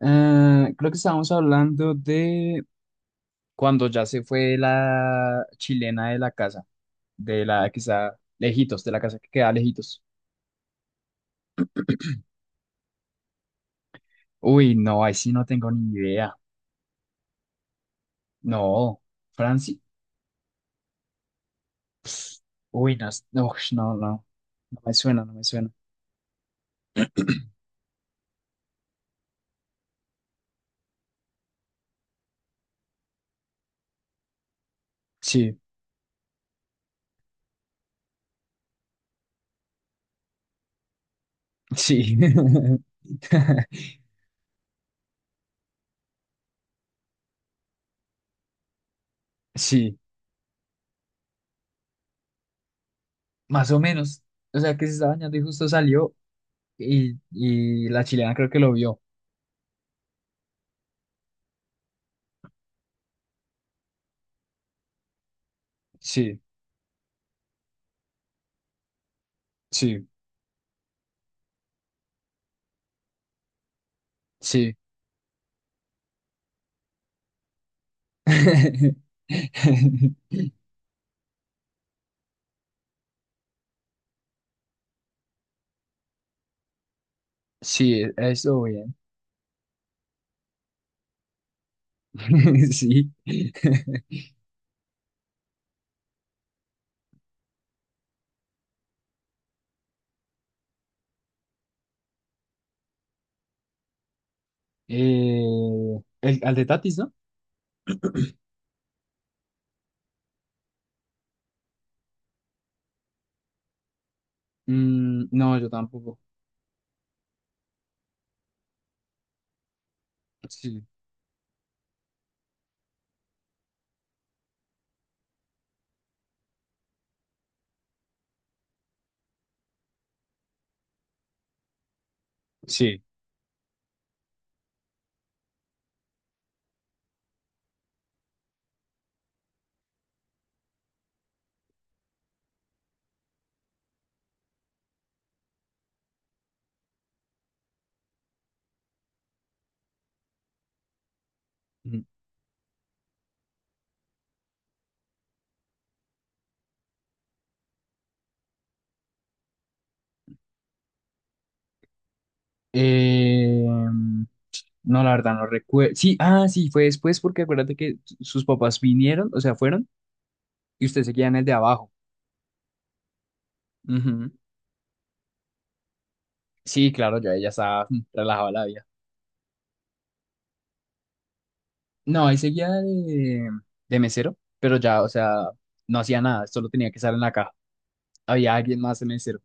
Creo que estábamos hablando de cuando ya se fue la chilena de la casa, de la que está lejitos, de la casa que queda lejitos. Uy, no, ahí sí no tengo ni idea. No, Franci. Pss, uy, no, no, ush, no, no, no me suena. Sí, sí, sí, más o menos. O sea, que se estaba bañando y justo salió y la chilena creo que lo vio. Sí, sí, sí. Sí, eso bien. Sí. Eh, el, al de Tatis, ¿no? Mm, no, yo tampoco. Sí, sí. Ujú. Eh, mm, no, la verdad, no recuerdo. Sí, ah, sí, fue después porque acuérdate que sus papás vinieron, o sea, fueron y usted seguía en el de abajo. Ujú. Sí, claro, yo ella estaba mm, relajada la vida. No, ahí seguía de mesero, pero ya, o sea, no hacía nada, solo tenía que estar en la caja. Había alguien más de mesero.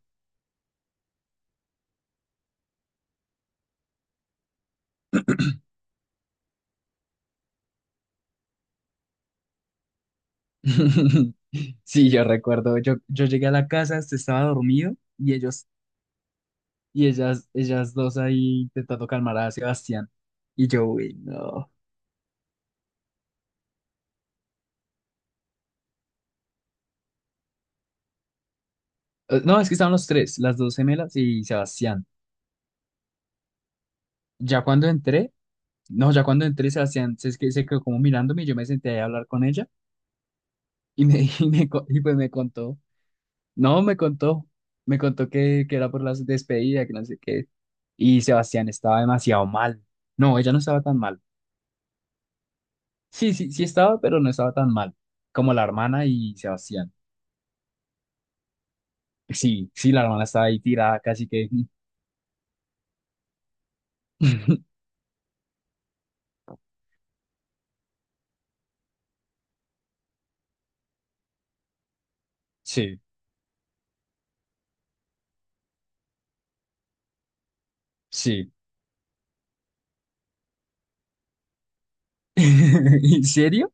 Sí, yo recuerdo, yo llegué a la casa, este estaba dormido y ellos y ellas dos ahí intentando calmar a Sebastián. Y yo, uy, no. No, es que estaban los tres, las dos gemelas y Sebastián. Ya cuando entré, no, ya cuando entré, Sebastián se, es que se quedó como mirándome y yo me senté ahí a hablar con ella y me, y pues me contó, no, me contó que era por la despedida, que no sé qué. Y Sebastián estaba demasiado mal. No, ella no estaba tan mal. Sí, sí, sí estaba, pero no estaba tan mal como la hermana y Sebastián. Sí, sí, la hermana estaba ahí tirada casi que... Sí, sí. ¿En serio?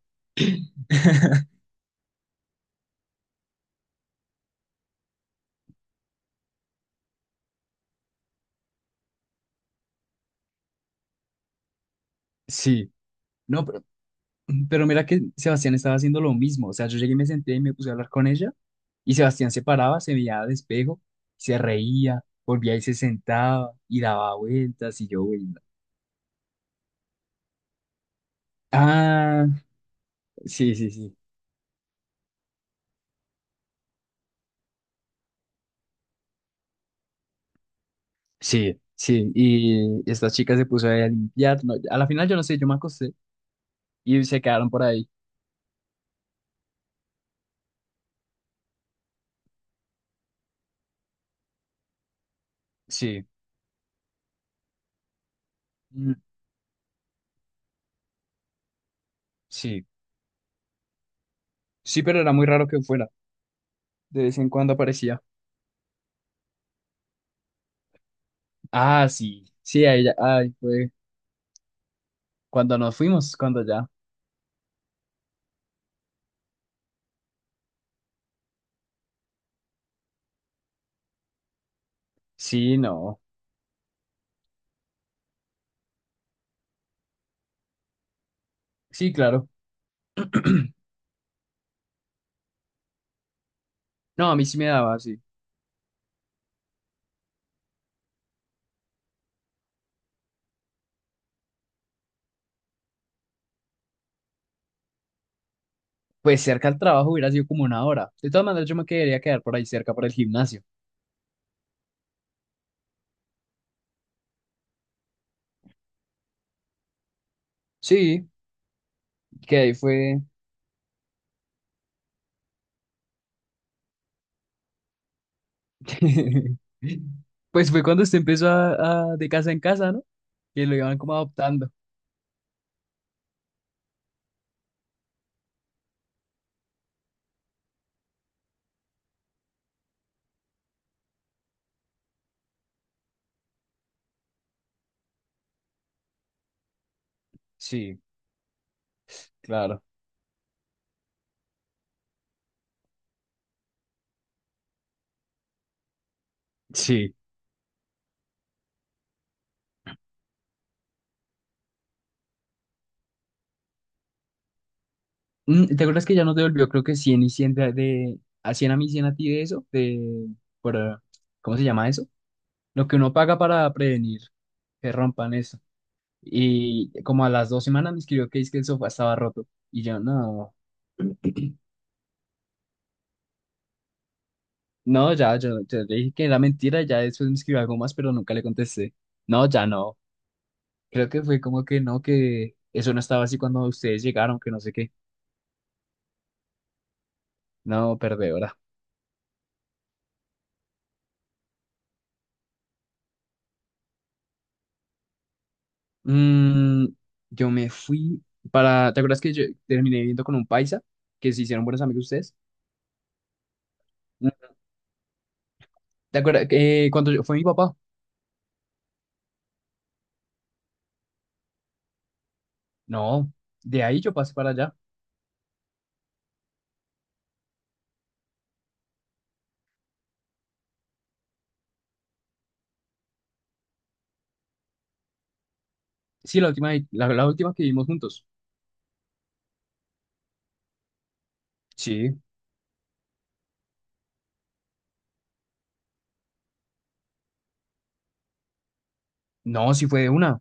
Sí. No, pero mira que Sebastián estaba haciendo lo mismo. O sea, yo llegué y me senté y me puse a hablar con ella y Sebastián se paraba, se veía al espejo, se reía, volvía y se sentaba y daba vueltas y yo, bueno. Ah, sí, sí, sí. Sí, sí, y estas chicas se puso ahí a limpiar. No, a la final yo no sé, yo me acosté y se quedaron por ahí. Sí, mm, sí, sí, pero era muy raro que fuera. De vez en cuando aparecía. Ah, sí, sí, ahí ya, ay, fue cuando nos fuimos, cuando ya. Sí, no, sí, claro. No, a mí sí me daba sí. Pues cerca al trabajo hubiera sido como una hora. De todas maneras, yo me quería quedar por ahí cerca para el gimnasio. Sí, que ahí fue. Pues fue cuando usted empezó a, de casa en casa, ¿no? Que lo iban como adoptando. Sí, claro. Sí. Mm, ¿te acuerdas que ya nos devolvió, creo que 100 y 100 de, a 100 a mí, 100 a ti de eso? De, por, ¿cómo se llama eso? Lo que uno paga para prevenir que rompan eso. Y como a las dos semanas me escribió que es que el sofá estaba roto. Y yo, no, no, ya, yo le dije que era mentira, ya después me escribió algo más, pero nunca le contesté. No, ya no. Creo que fue como que no, que eso no estaba así cuando ustedes llegaron, que no sé qué. No, perdedora. Mm, yo me fui para. ¿Te acuerdas que yo terminé viendo con un paisa? Que se hicieron buenos amigos ustedes. Mm, ¿te acuerdas que cuando fue mi papá? No, de ahí yo pasé para allá. Sí, la última, la última que vimos juntos. Sí. No, sí fue de una.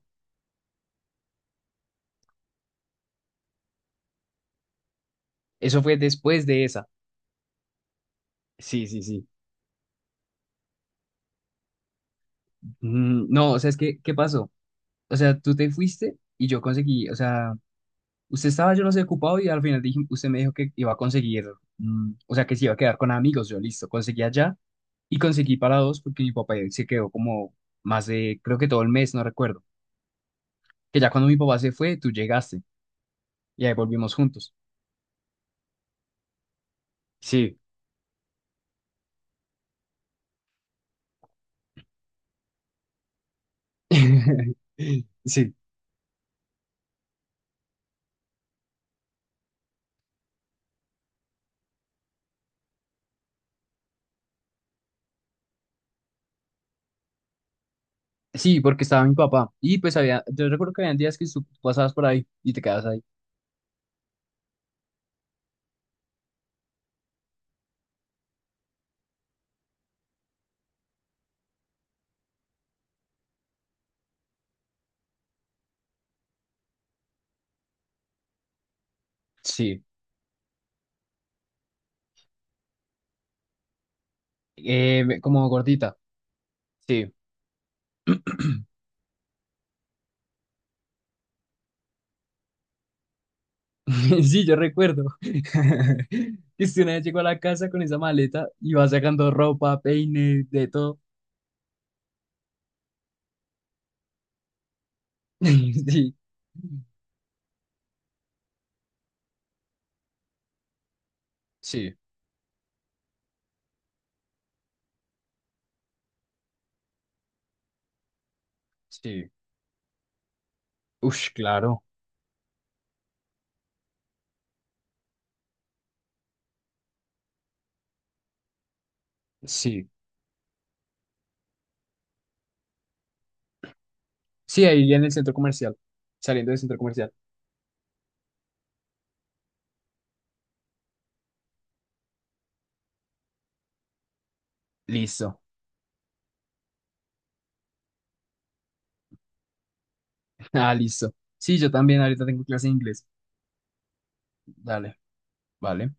Eso fue después de esa. Sí, sí, sí. Mm, no, o sea, es que, ¿qué pasó? O sea, tú te fuiste y yo conseguí, o sea. Usted estaba, yo no sé, ocupado y al final dije, usted me dijo que iba a conseguir, mm, o sea, que se iba a quedar con amigos. Yo, listo, conseguí allá y conseguí para dos porque mi papá se quedó como más de, creo que todo el mes, no recuerdo. Que ya cuando mi papá se fue, tú llegaste y ahí volvimos juntos. Sí, sí. Sí, porque estaba mi papá. Y pues había, yo recuerdo que habían días que tú pasabas por ahí y te quedabas ahí. Sí, eh, como gordita. Sí, yo recuerdo. Que si una vez llegó a la casa con esa maleta y va sacando ropa, peine, de todo. Sí, sí, sí. Ush, claro. Sí. Sí, ahí en el centro comercial. Saliendo del centro comercial. Listo. Ah, listo. Sí, yo también ahorita tengo clase de inglés. Dale, vale.